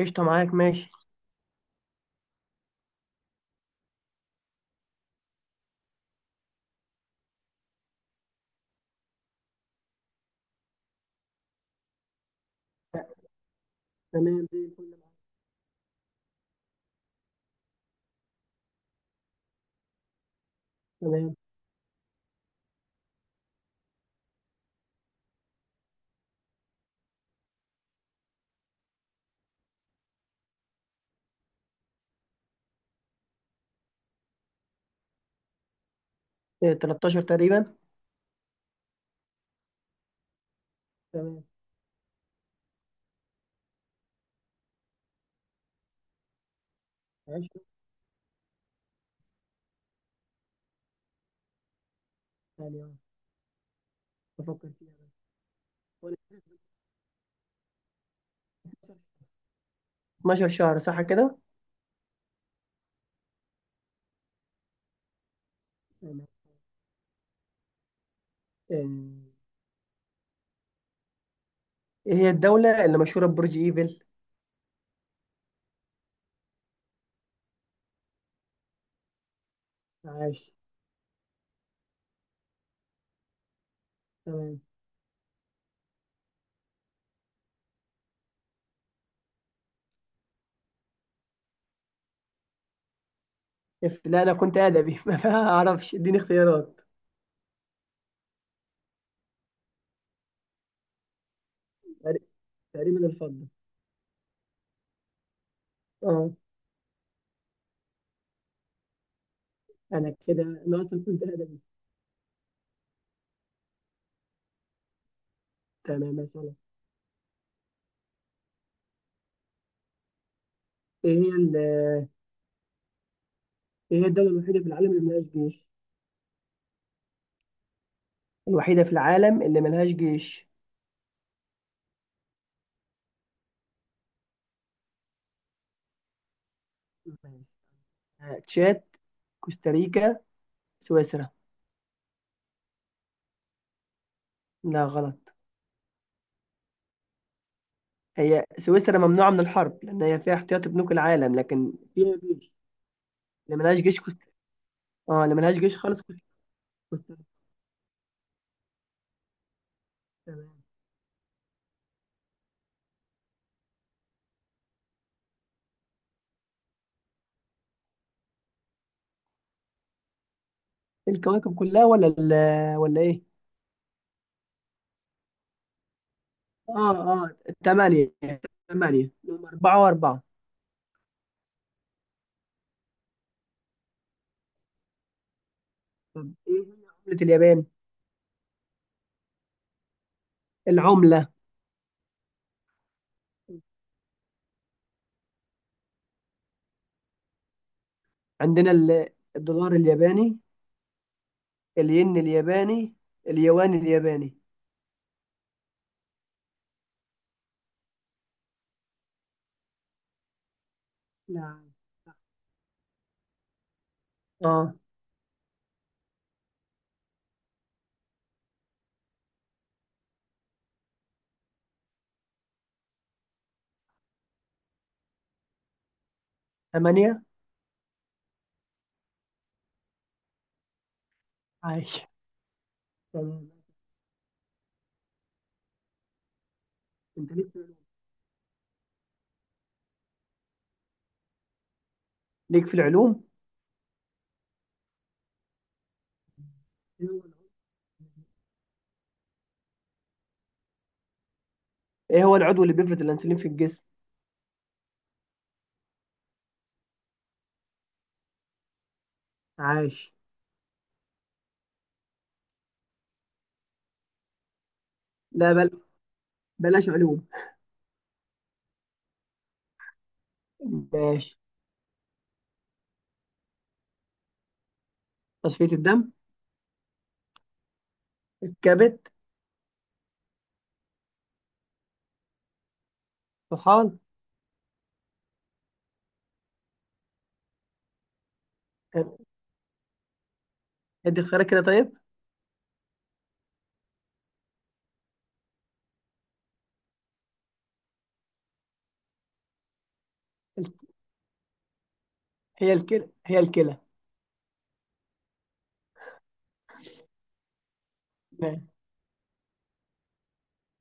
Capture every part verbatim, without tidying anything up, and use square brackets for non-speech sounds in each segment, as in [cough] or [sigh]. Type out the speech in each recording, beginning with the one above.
قشطة، معاك. ماشي. تمام، زي الفل معاك. تمام. إيه، تلتاشر تقريبا. تمام. عشرين. ثانية، آه. بفكر فيها بس، ولا- اثنا عشر شهر صح كده؟ تمام. آه، ايه هي الدولة اللي مشهورة ببرج ايفل؟ عاش. تمام. إف- لا، انا كنت ادبي [laughs] ما اعرفش، اديني اختيارات. تقري- تقريبا الفضة. اه. انا كده، انا اصلا كنت ادبي. تمام، مثلا. ايه هي ال- ايه هي الدولة الوحيدة في العالم اللي ملهاش جيش؟ الوحيدة في العالم اللي ملهاش جيش. آه، تشاد، كوستاريكا، سويسرا. لا، غلط. هي سويسرا ممنوعة من الحرب لأن هي فيها احتياطي بنوك العالم لكن فيها جيش. اللي ملهاش جيش كوست اه اللي ملهاش جيش خالص كوست- كوستاريكا. تمام. الكواكب كلها، ولا ال... ولا ايه؟ اه، اه، ثمانية. ثمانية هم أربعة وأربعة. طب، ايه هي عملة اليابان؟ العملة. عندنا ال- الدولار الياباني، الين الياباني، اليوان الياباني. نعم. اه. ثمانية. عايش. تمام. انت لسه. ليك في العلوم. ايه هو العضو اللي بيفرز الانسولين في الجسم؟ عاش. لا، بل... بلاش علوم. ماشي. تصفية الدم. الكبد. طحال. ادي اختيارات كده، طيب. ال- هي الكلى، هي الكلى. ماشي.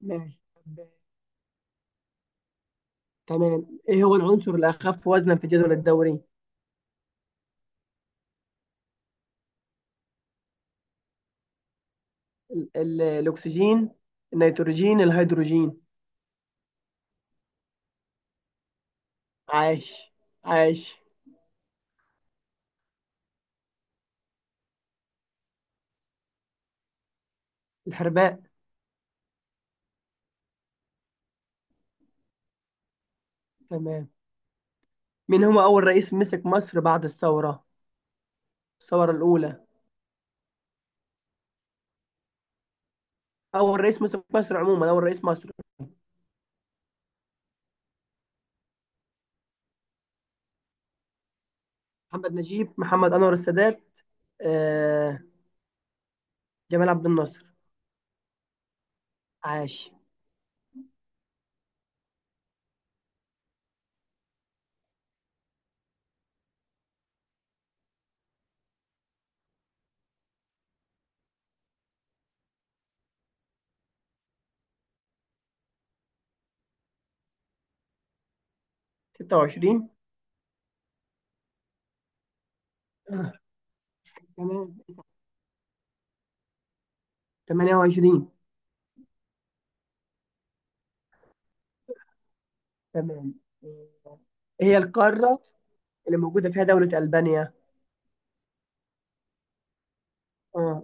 ماشي. طب- تمام، ايه هو العنصر الاخف وزنا في الجدول الدوري؟ ال... ال... الاكسجين، النيتروجين، الهيدروجين. عاش. عاش. الحرباء. تمام. مين هو اول رئيس مسك مصر بعد الثورة؟ الثورة الاولى. اول رئيس مسك مصر عموما، اول رئيس مصر. محمد نجيب، محمد أنور السادات، آه، جمال عبد الناصر. عاش. ستة وعشرين. آه. تمام. تمنية وعشرين. تمام. آه، إيه هي القارة اللي موجودة فيها دولة ألبانيا؟ اه،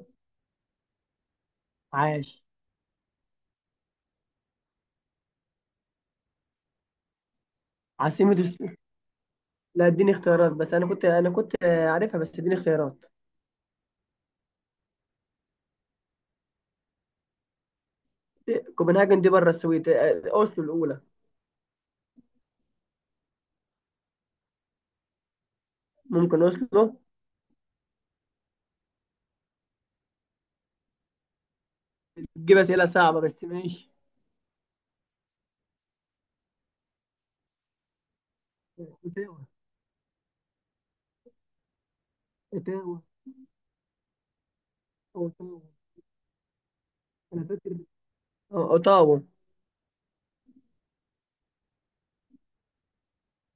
عاش. عاصمة الس... لا، اديني اختيارات، بس أنا كنت أنا كنت آه، عارفها، بس اديني اختيارات. كوبنهاجن دي بره السويد. آه، أوسلو الأولى. ممكن أوسلو. تجيب أسئلة صعبة، بس ماشي. اوتاوا. اوتاوا. اوتاوا. انا فاكر. اه، اوتاوا.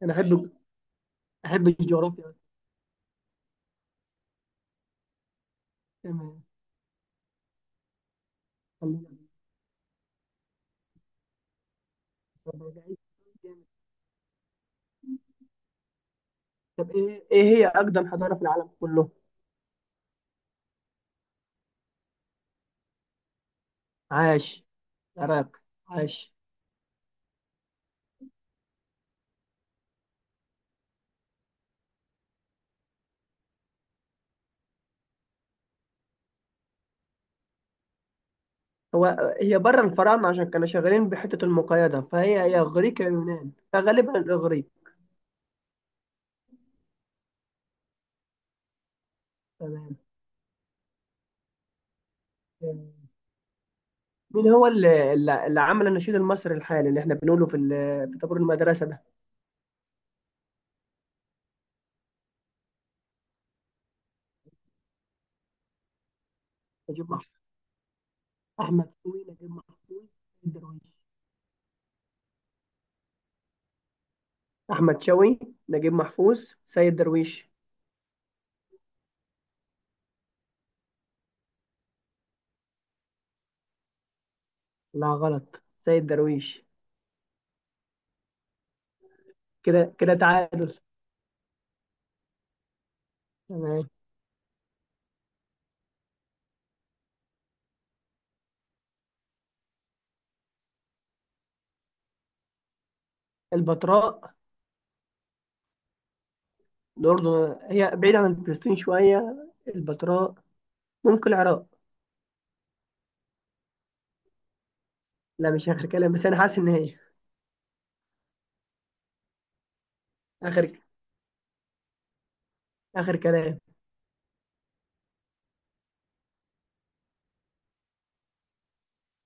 انا احب أحب الجغرافيا. تمام. خلينا. بعيد. طب، إيه إيه هي أقدم حضارة في العالم كله؟ عاش. العراق. عاش. هو هي بره الفراعنة عشان كانوا شغالين بحتة المقايضة، فهي هي إغريق يا يونان، فغالبا الإغريق. تمام. مين هو اللي, اللي اللي عمل النشيد المصري الحالي اللي احنا بنقوله في ال- في طابور المدرسة ده؟ نجيب محفوظ، أحمد شوقي، نجيب محفوظ، سيد درويش. أحمد شوقي، نجيب محفوظ، سيد درويش. لا، غلط، سيد درويش. كده كده، تعادل. تمام. البتراء. الأردن، هي بعيدة عن فلسطين شوية. البتراء. ممكن العراق. لا، مش آخر كلام، بس أنا حاسس إن هي... آخر آخر كلام.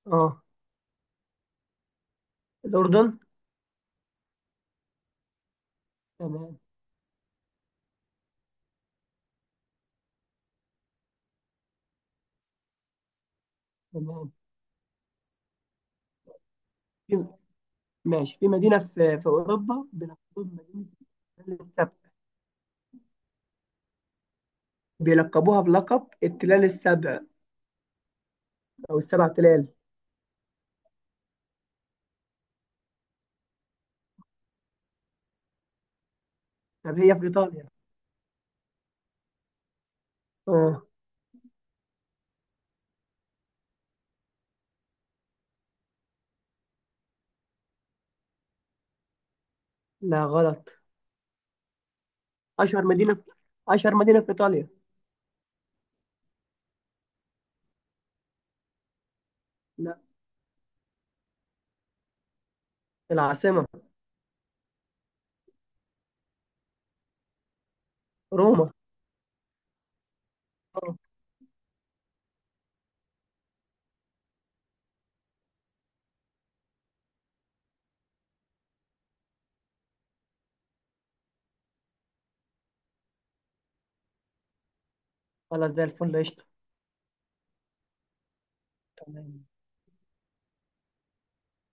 أه. الأردن. تمام. تمام. في ماشي، في مدينة في في أوروبا بيلقبوها بمدينة التلال السبع. بيلقبوها بلقب التلال السبع، أو السبع تلال. طب، هي في إيطاليا. أه. لا، غلط. أشهر مدينة في أشهر مدينة في إيطاليا. لا. العاصمة. روما. خلاص، زي الفل، قشطة. تمام.